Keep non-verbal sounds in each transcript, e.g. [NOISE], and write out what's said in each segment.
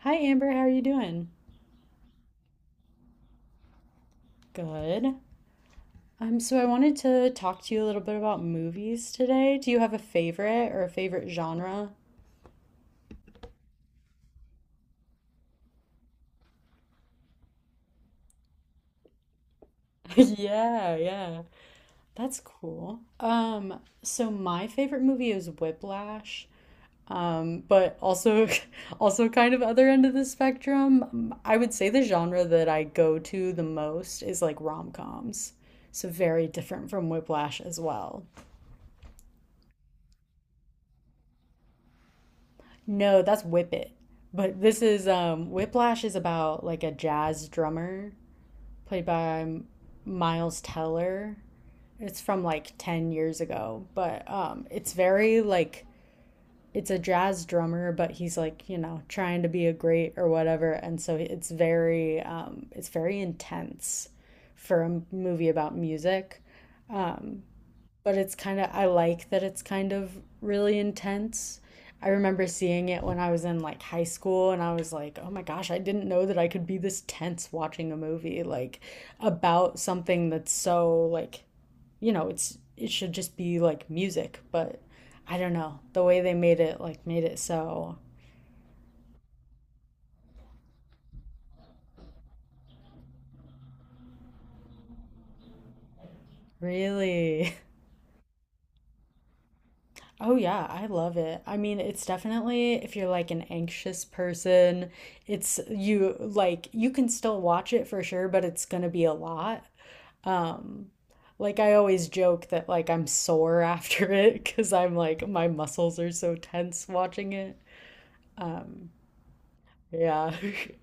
Hi, Amber. How are you doing? Good. So I wanted to talk to you a little bit about movies today. Do you have a favorite or a favorite genre? [LAUGHS] Yeah, yeah. That's cool. So my favorite movie is Whiplash, but also [LAUGHS] also kind of other end of the spectrum. I would say the genre that I go to the most is like rom-coms. So very different from Whiplash as well. No, that's Whip It. But this is Whiplash is about like a jazz drummer played by Miles Teller. It's from like 10 years ago, but it's very like it's a jazz drummer, but he's like, you know, trying to be a great or whatever, and so it's very intense for a movie about music. Um but it's I like that it's kind of really intense. I remember seeing it when I was in like high school and I was like, "Oh my gosh, I didn't know that I could be this tense watching a movie like about something that's so like, you know, it should just be like music, but I don't know. The way they made it like made it so really." Oh yeah, I love it. I mean, it's definitely if you're like an anxious person, it's you can still watch it for sure, but it's gonna be a lot. Um, like I always joke that like I'm sore [LAUGHS] after it because I'm like my muscles are so tense watching it. Um, yeah. [LAUGHS]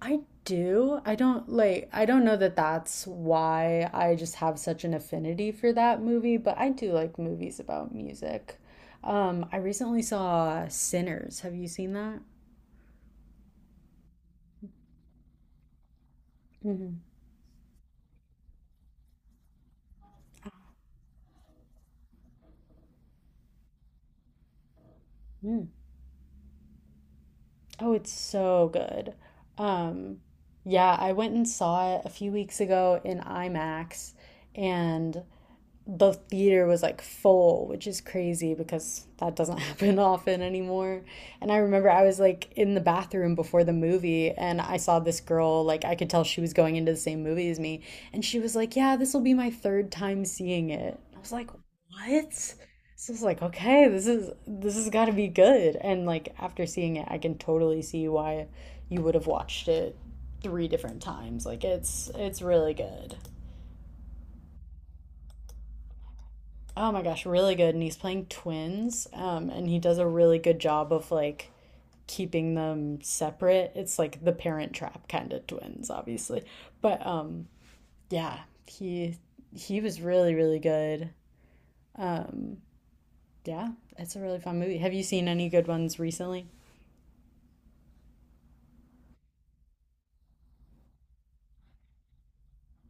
I do. I don't know that that's why I just have such an affinity for that movie, but I do like movies about music. I recently saw Sinners. Have you seen that? Mm-hmm. Oh, it's so good. Um, yeah, I went and saw it a few weeks ago in IMAX and the theater was like full, which is crazy because that doesn't [LAUGHS] happen often anymore. And I remember I was like in the bathroom before the movie and I saw this girl, like I could tell she was going into the same movie as me. And she was like, "Yeah, this will be my third time seeing it." I was like, "What?" So I was like, "Okay, this has gotta be good." And like after seeing it, I can totally see why you would have watched it three different times. Like it's really good. Oh my gosh, really good. And he's playing twins, and he does a really good job of like keeping them separate. It's like the Parent Trap kind of twins, obviously. But yeah, he he was really really good. Um, Yeah, it's a really fun movie. Have you seen any good ones recently?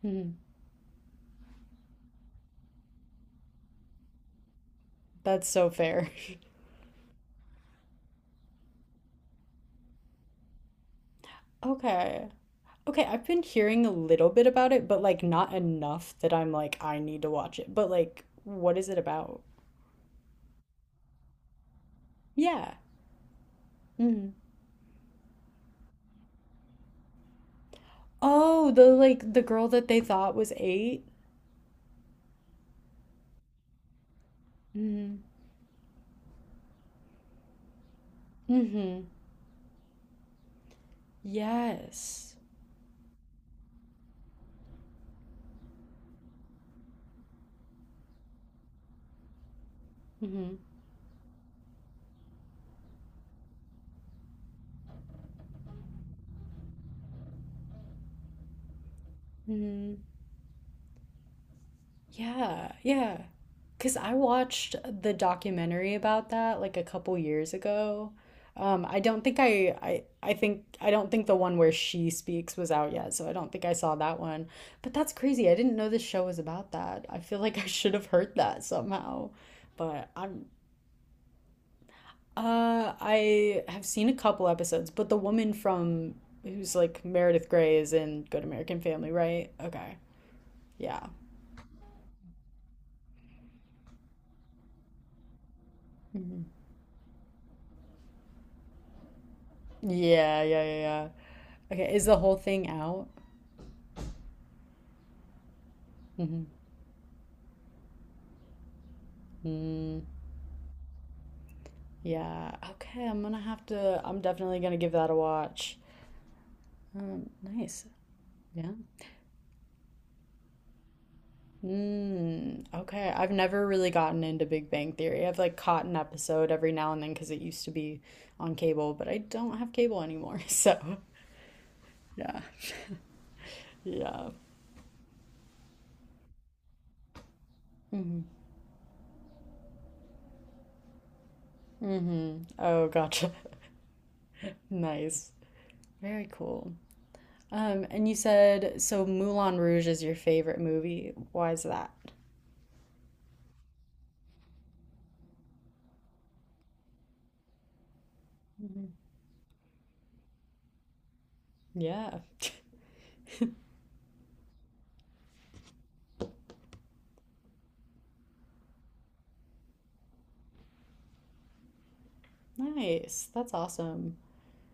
Hmm, that's so fair. [LAUGHS] Okay. Okay, I've been hearing a little bit about it, but like not enough that I'm like I need to watch it. But like what is it about? Yeah. Hmm. Oh, the like the girl that they thought was eight. Mm-hmm. Mm-hmm. Yes. Mm-hmm. Mm-hmm. Yeah. Yeah. Because I watched the documentary about that like a couple years ago. I think I don't think the one where she speaks was out yet, so I don't think I saw that one. But that's crazy. I didn't know this show was about that. I feel like I should have heard that somehow. But I'm uh, I have seen a couple episodes, but the woman from who's like Meredith Grey is in Good American Family, right? Okay. Yeah. Mhm. Yeah, yeah, yeah, yeah. Okay, is the whole thing out? Hmm. Mm, yeah. Okay, I'm definitely gonna give that a watch. Nice. Yeah. Mm, okay. I've never really gotten into Big Bang Theory. I've like caught an episode every now and then because it used to be on cable, but I don't have cable anymore, [LAUGHS] so yeah. Yeah. Mm-hmm. Oh, gotcha. [LAUGHS] Nice. Very cool. And you said so Moulin Rouge is your favorite movie. Why is that? Mhm. Yeah. [LAUGHS] Nice. That's awesome.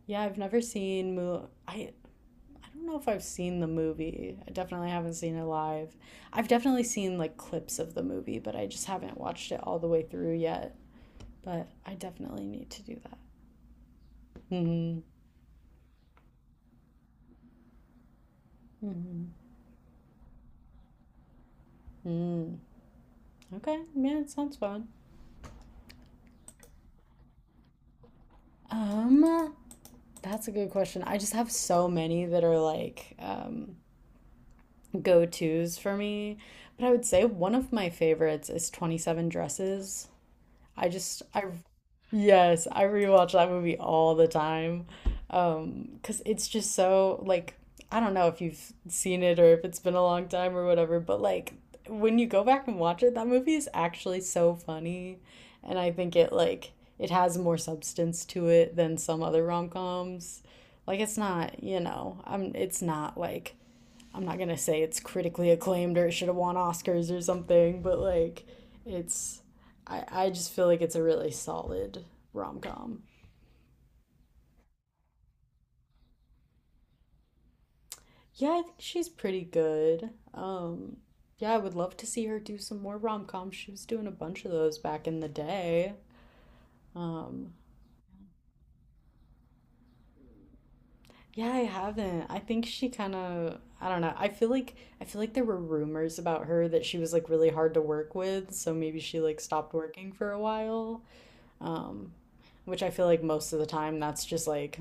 Yeah, I've never seen Moulin. I don't know if I've seen the movie. I definitely haven't seen it live. I've definitely seen like clips of the movie, but I just haven't watched it all the way through yet. But I definitely need to do that. Mm-hmm. Mm-hmm. Mm. Okay. Yeah, it sounds fun. Um, that's a good question. I just have so many that are like go-tos for me. But I would say one of my favorites is 27 Dresses. I just I yes, I rewatch that movie all the time. 'Cause it's just so like I don't know if you've seen it or if it's been a long time or whatever, but like when you go back and watch it, that movie is actually so funny. And I think it like it has more substance to it than some other rom-coms. Like it's not, you know, it's not like I'm not gonna say it's critically acclaimed or it should have won Oscars or something, but like it's I just feel like it's a really solid rom com. Yeah, I think she's pretty good. Yeah, I would love to see her do some more rom coms. She was doing a bunch of those back in the day. Um yeah, I haven't. I think she kind of I don't know. I feel like there were rumors about her that she was like really hard to work with, so maybe she like stopped working for a while. um, which I feel like most of the time that's just like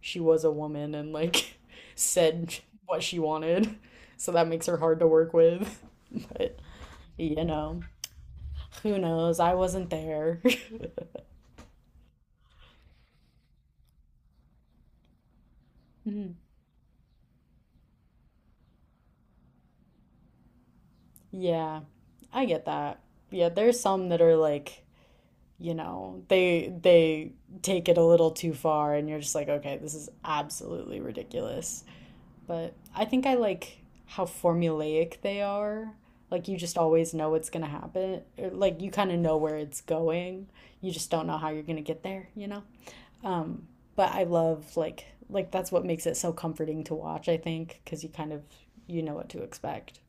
she was a woman and like [LAUGHS] said what she wanted, so that makes her hard to work with. [LAUGHS] But you know, who knows? I wasn't there. [LAUGHS] Yeah, I get that. Yeah, there's some that are like, you know, they take it a little too far and you're just like, okay, this is absolutely ridiculous. But I think I like how formulaic they are. Like you just always know what's gonna happen. Or, like you kind of know where it's going. You just don't know how you're gonna get there, you know? Um, but I love like that's what makes it so comforting to watch, I think, because you kind of you know what to expect.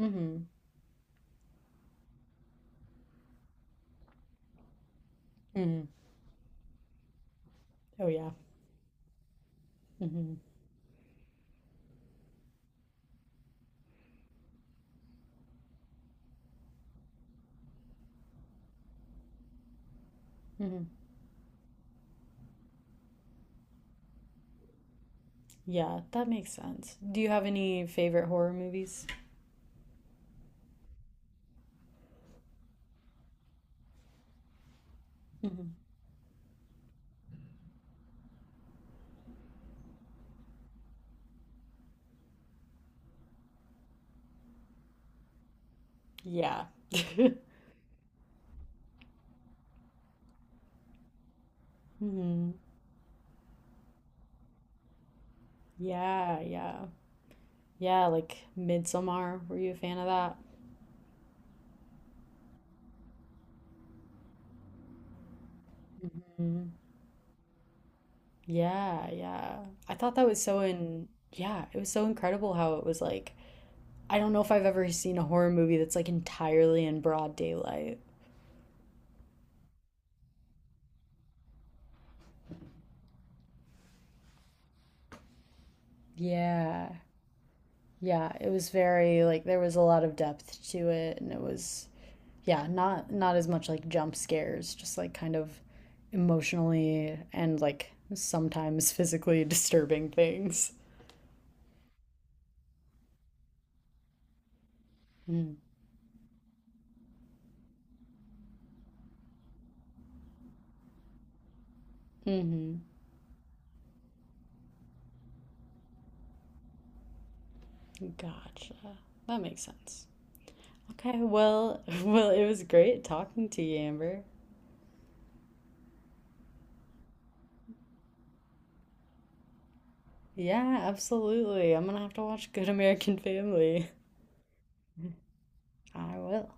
Mm-hmm. Mm-hmm. Oh yeah. Mm-hmm. Mm-hmm. Yeah, that makes sense. Do you have any favorite horror movies? Mm-hmm. Yeah. [LAUGHS] Mm-hmm. Yeah, yeah. Yeah, like Midsommar. Were you a fan of that? Mhm. Yeah, yeah. I thought that was so in, yeah, it was so incredible how it was like, I don't know if I've ever seen a horror movie that's like entirely in broad daylight. Yeah. Yeah, it was very like there was a lot of depth to it and it was yeah, not as much like jump scares, just like kind of emotionally and like sometimes [LAUGHS] physically disturbing things. Mm-hmm. Gotcha. That makes sense. Okay, well, [LAUGHS] well, it was great talking to you, Amber. Yeah, absolutely. I'm gonna have to watch Good American Family. [LAUGHS] I will.